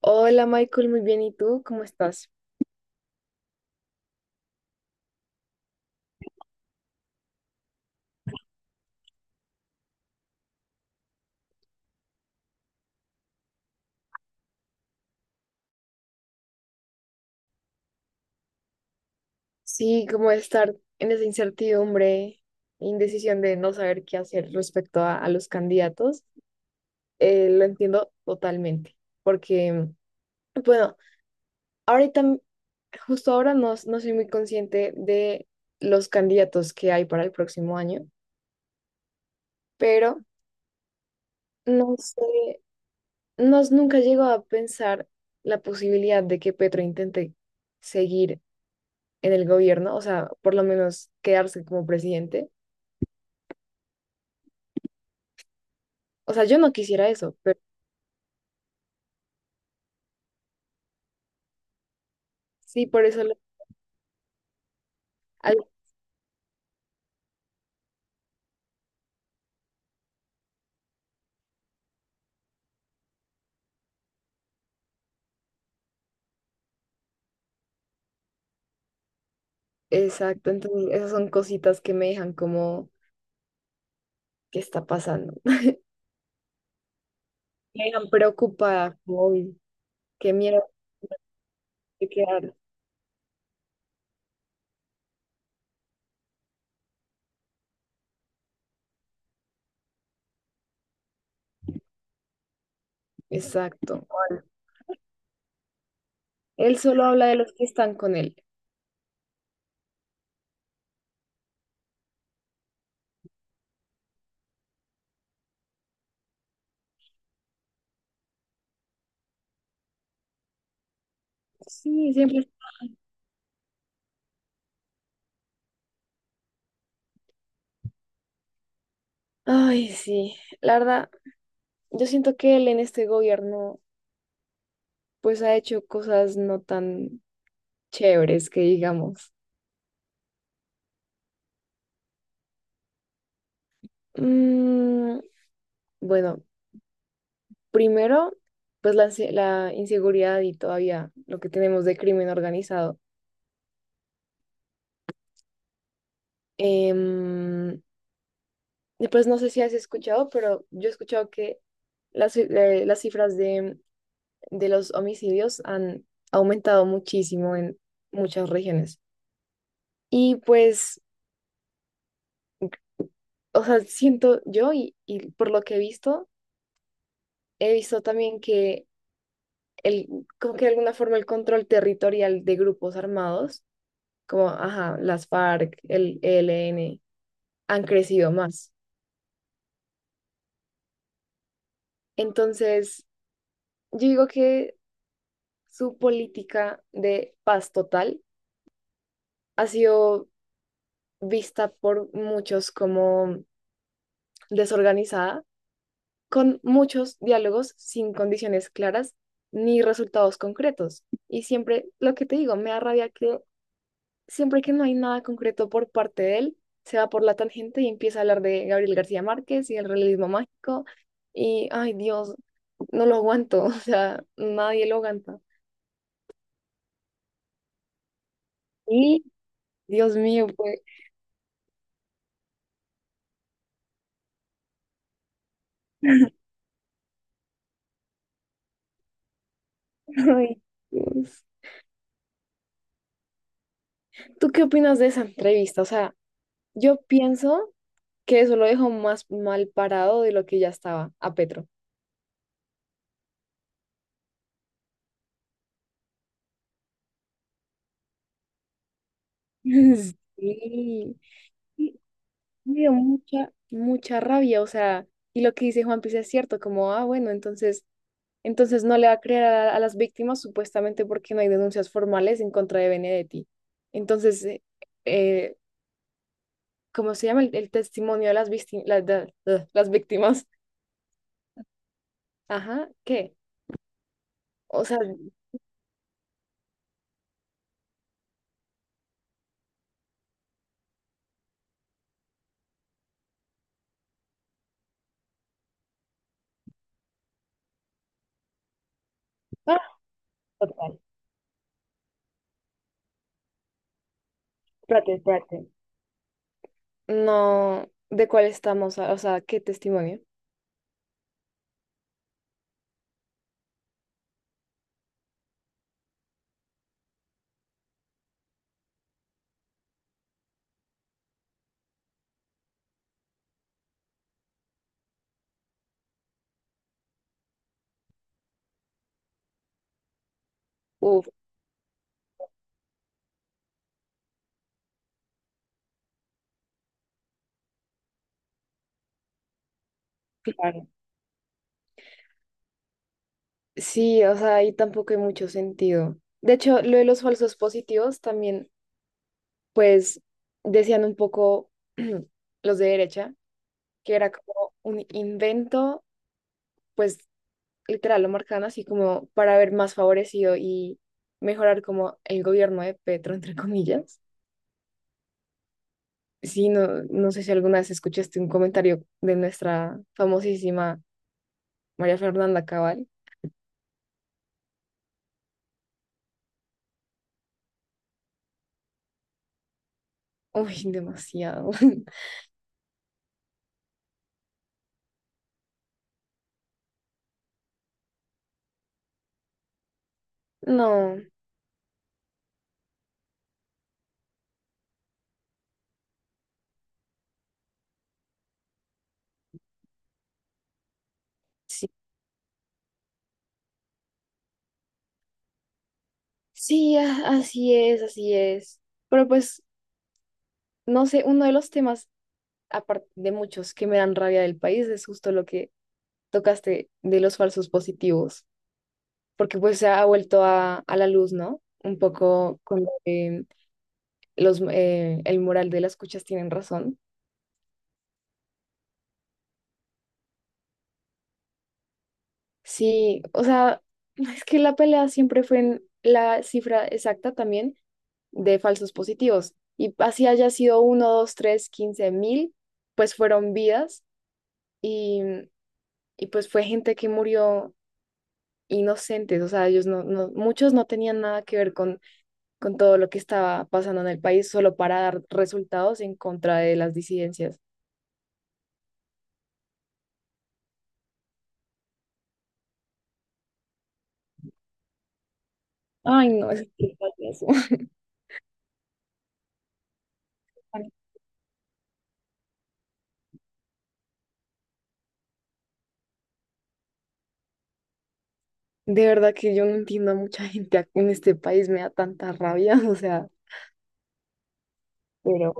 Hola Michael, muy bien. ¿Y tú? ¿Cómo estás? Sí, como estar en esa incertidumbre, indecisión de no saber qué hacer respecto a los candidatos, lo entiendo totalmente, porque, bueno, ahorita, justo ahora no, no soy muy consciente de los candidatos que hay para el próximo año, pero no sé, no, nunca llego a pensar la posibilidad de que Petro intente seguir en el gobierno, o sea, por lo menos quedarse como presidente. O sea, yo no quisiera eso, pero sí, por esoal- Exacto, entonces esas son cositas que me dejan como, ¿qué está pasando? Me dejan preocupada, como, uy, qué miedo de quedar. Exacto. Él solo habla de los que están con él. Sí, siempre. Ay, sí. La verdad, yo siento que él en este gobierno, pues ha hecho cosas no tan chéveres que digamos. Mm, bueno, primero, pues la inseguridad y todavía lo que tenemos de crimen organizado. Em, y pues no sé si has escuchado, pero yo he escuchado que las cifras de los homicidios han aumentado muchísimo en muchas regiones. Y pues, o sea, siento yo y por lo que he visto también que el, como que de alguna forma el control territorial de grupos armados, como, ajá, las FARC, el ELN han crecido más. Entonces, yo digo que su política de paz total ha sido vista por muchos como desorganizada, con muchos diálogos sin condiciones claras ni resultados concretos. Y siempre, lo que te digo, me da rabia que siempre que no hay nada concreto por parte de él, se va por la tangente y empieza a hablar de Gabriel García Márquez y el realismo mágico. Y, ay Dios, no lo aguanto, o sea, nadie lo aguanta. Y, Dios mío, pues. Ay, Dios. ¿Tú qué opinas de esa entrevista? O sea, yo pienso que eso lo dejó más mal parado de lo que ya estaba a Petro. Sí. Y me dio mucha, mucha rabia. O sea, y lo que dice Juan Piz es cierto, como, ah, bueno, entonces no le va a creer a las víctimas supuestamente porque no hay denuncias formales en contra de Benedetti. Entonces, eh, ¿cómo se llama el testimonio de las, vícti- la- de- las víctimas? Ajá, ¿qué? O sea, ah, total. Espérate, espérate. No, ¿de cuál estamos? O sea, ¿qué testimonio? Uf. Claro. Sí, o sea, ahí tampoco hay mucho sentido. De hecho, lo de los falsos positivos también, pues, decían un poco los de derecha, que era como un invento, pues, literal, lo marcan así como para ver más favorecido y mejorar como el gobierno de Petro, entre comillas. Sí, no, no sé si alguna vez escuchaste un comentario de nuestra famosísima María Fernanda Cabal. Uy, demasiado. No, sí. Sí, así es, así es. Pero pues, no sé, uno de los temas, aparte de muchos, que me dan rabia del país es justo lo que tocaste de los falsos positivos, porque pues se ha vuelto a la luz, ¿no? Un poco con lo que el moral de las cuchas tienen razón. Sí, o sea, es que la pelea siempre fue en la cifra exacta también de falsos positivos. Y así haya sido uno, 2, 3, 15.000, pues fueron vidas y, y pues fue gente que murió inocentes. O sea, ellos no, no, muchos no tenían nada que ver con todo lo que estaba pasando en el país solo para dar resultados en contra de las disidencias. Ay, no, es que payaso. De verdad que yo no entiendo a mucha gente en este país, me da tanta rabia, o sea. Pero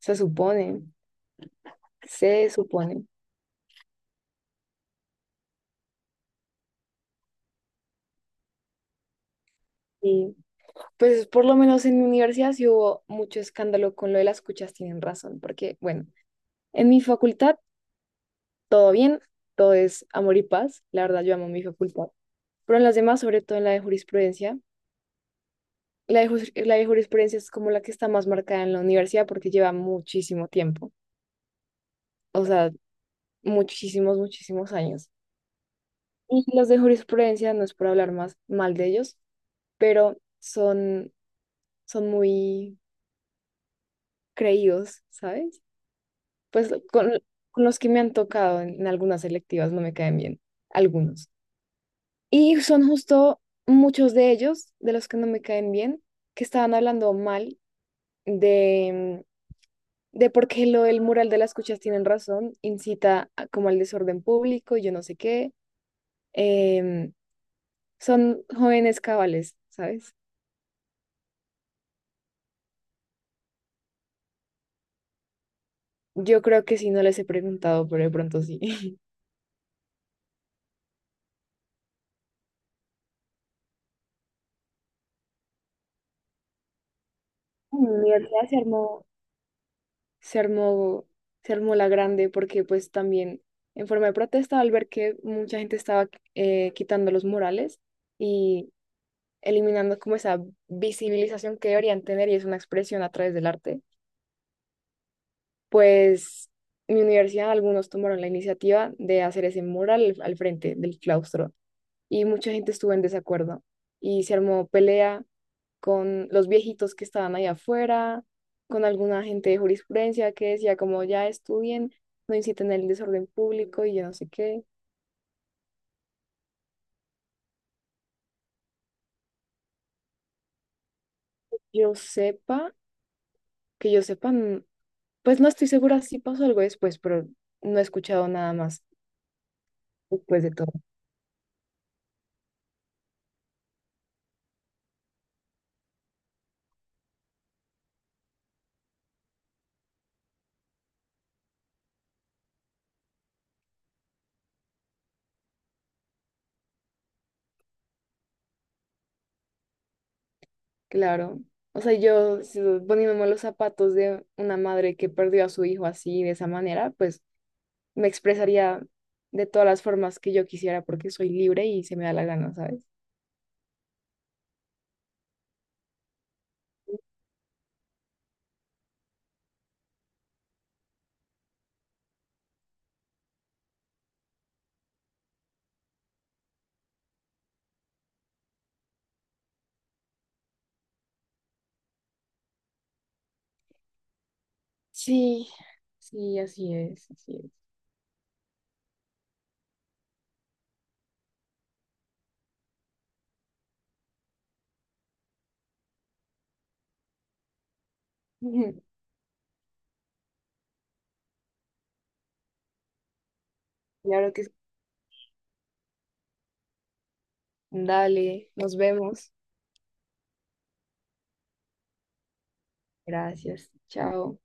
se supone, se supone. Y pues por lo menos en mi universidad sí hubo mucho escándalo con lo de las cuchas, tienen razón, porque bueno, en mi facultad todo bien, todo es amor y paz, la verdad yo amo mi facultad, pero en las demás, sobre todo en la de jurisprudencia, la de jurisprudencia es como la que está más marcada en la universidad porque lleva muchísimo tiempo, o sea, muchísimos, muchísimos años. Y los de jurisprudencia, no es por hablar más mal de ellos, pero son, muy creídos, ¿sabes? Pues con los que me han tocado en algunas selectivas no me caen bien, algunos. Y son justo muchos de ellos, de los que no me caen bien, que estaban hablando mal de, de por qué lo del mural de las cuchas tienen razón, incita como al desorden público y yo no sé qué. Em, son jóvenes cabales, ¿sabes? Yo creo que sí, no les he preguntado, pero de pronto sí. En mi universidad se armó, se armó la grande porque pues también en forma de protesta al ver que mucha gente estaba quitando los murales y eliminando como esa visibilización que deberían tener y es una expresión a través del arte, pues mi universidad, algunos tomaron la iniciativa de hacer ese mural al frente del claustro y mucha gente estuvo en desacuerdo y se armó pelea con los viejitos que estaban ahí afuera, con alguna gente de jurisprudencia que decía como ya estudien, no inciten el desorden público y yo no sé qué. Yo sepa, que yo sepa, pues no estoy segura si pasó algo después, pero no he escuchado nada más después de todo. Claro. O sea, yo poniéndome los zapatos de una madre que perdió a su hijo así, de esa manera, pues me expresaría de todas las formas que yo quisiera porque soy libre y se me da la gana, ¿sabes? Sí, sí, así es, así es. Claro que es. Dale, nos vemos. Gracias. Chao.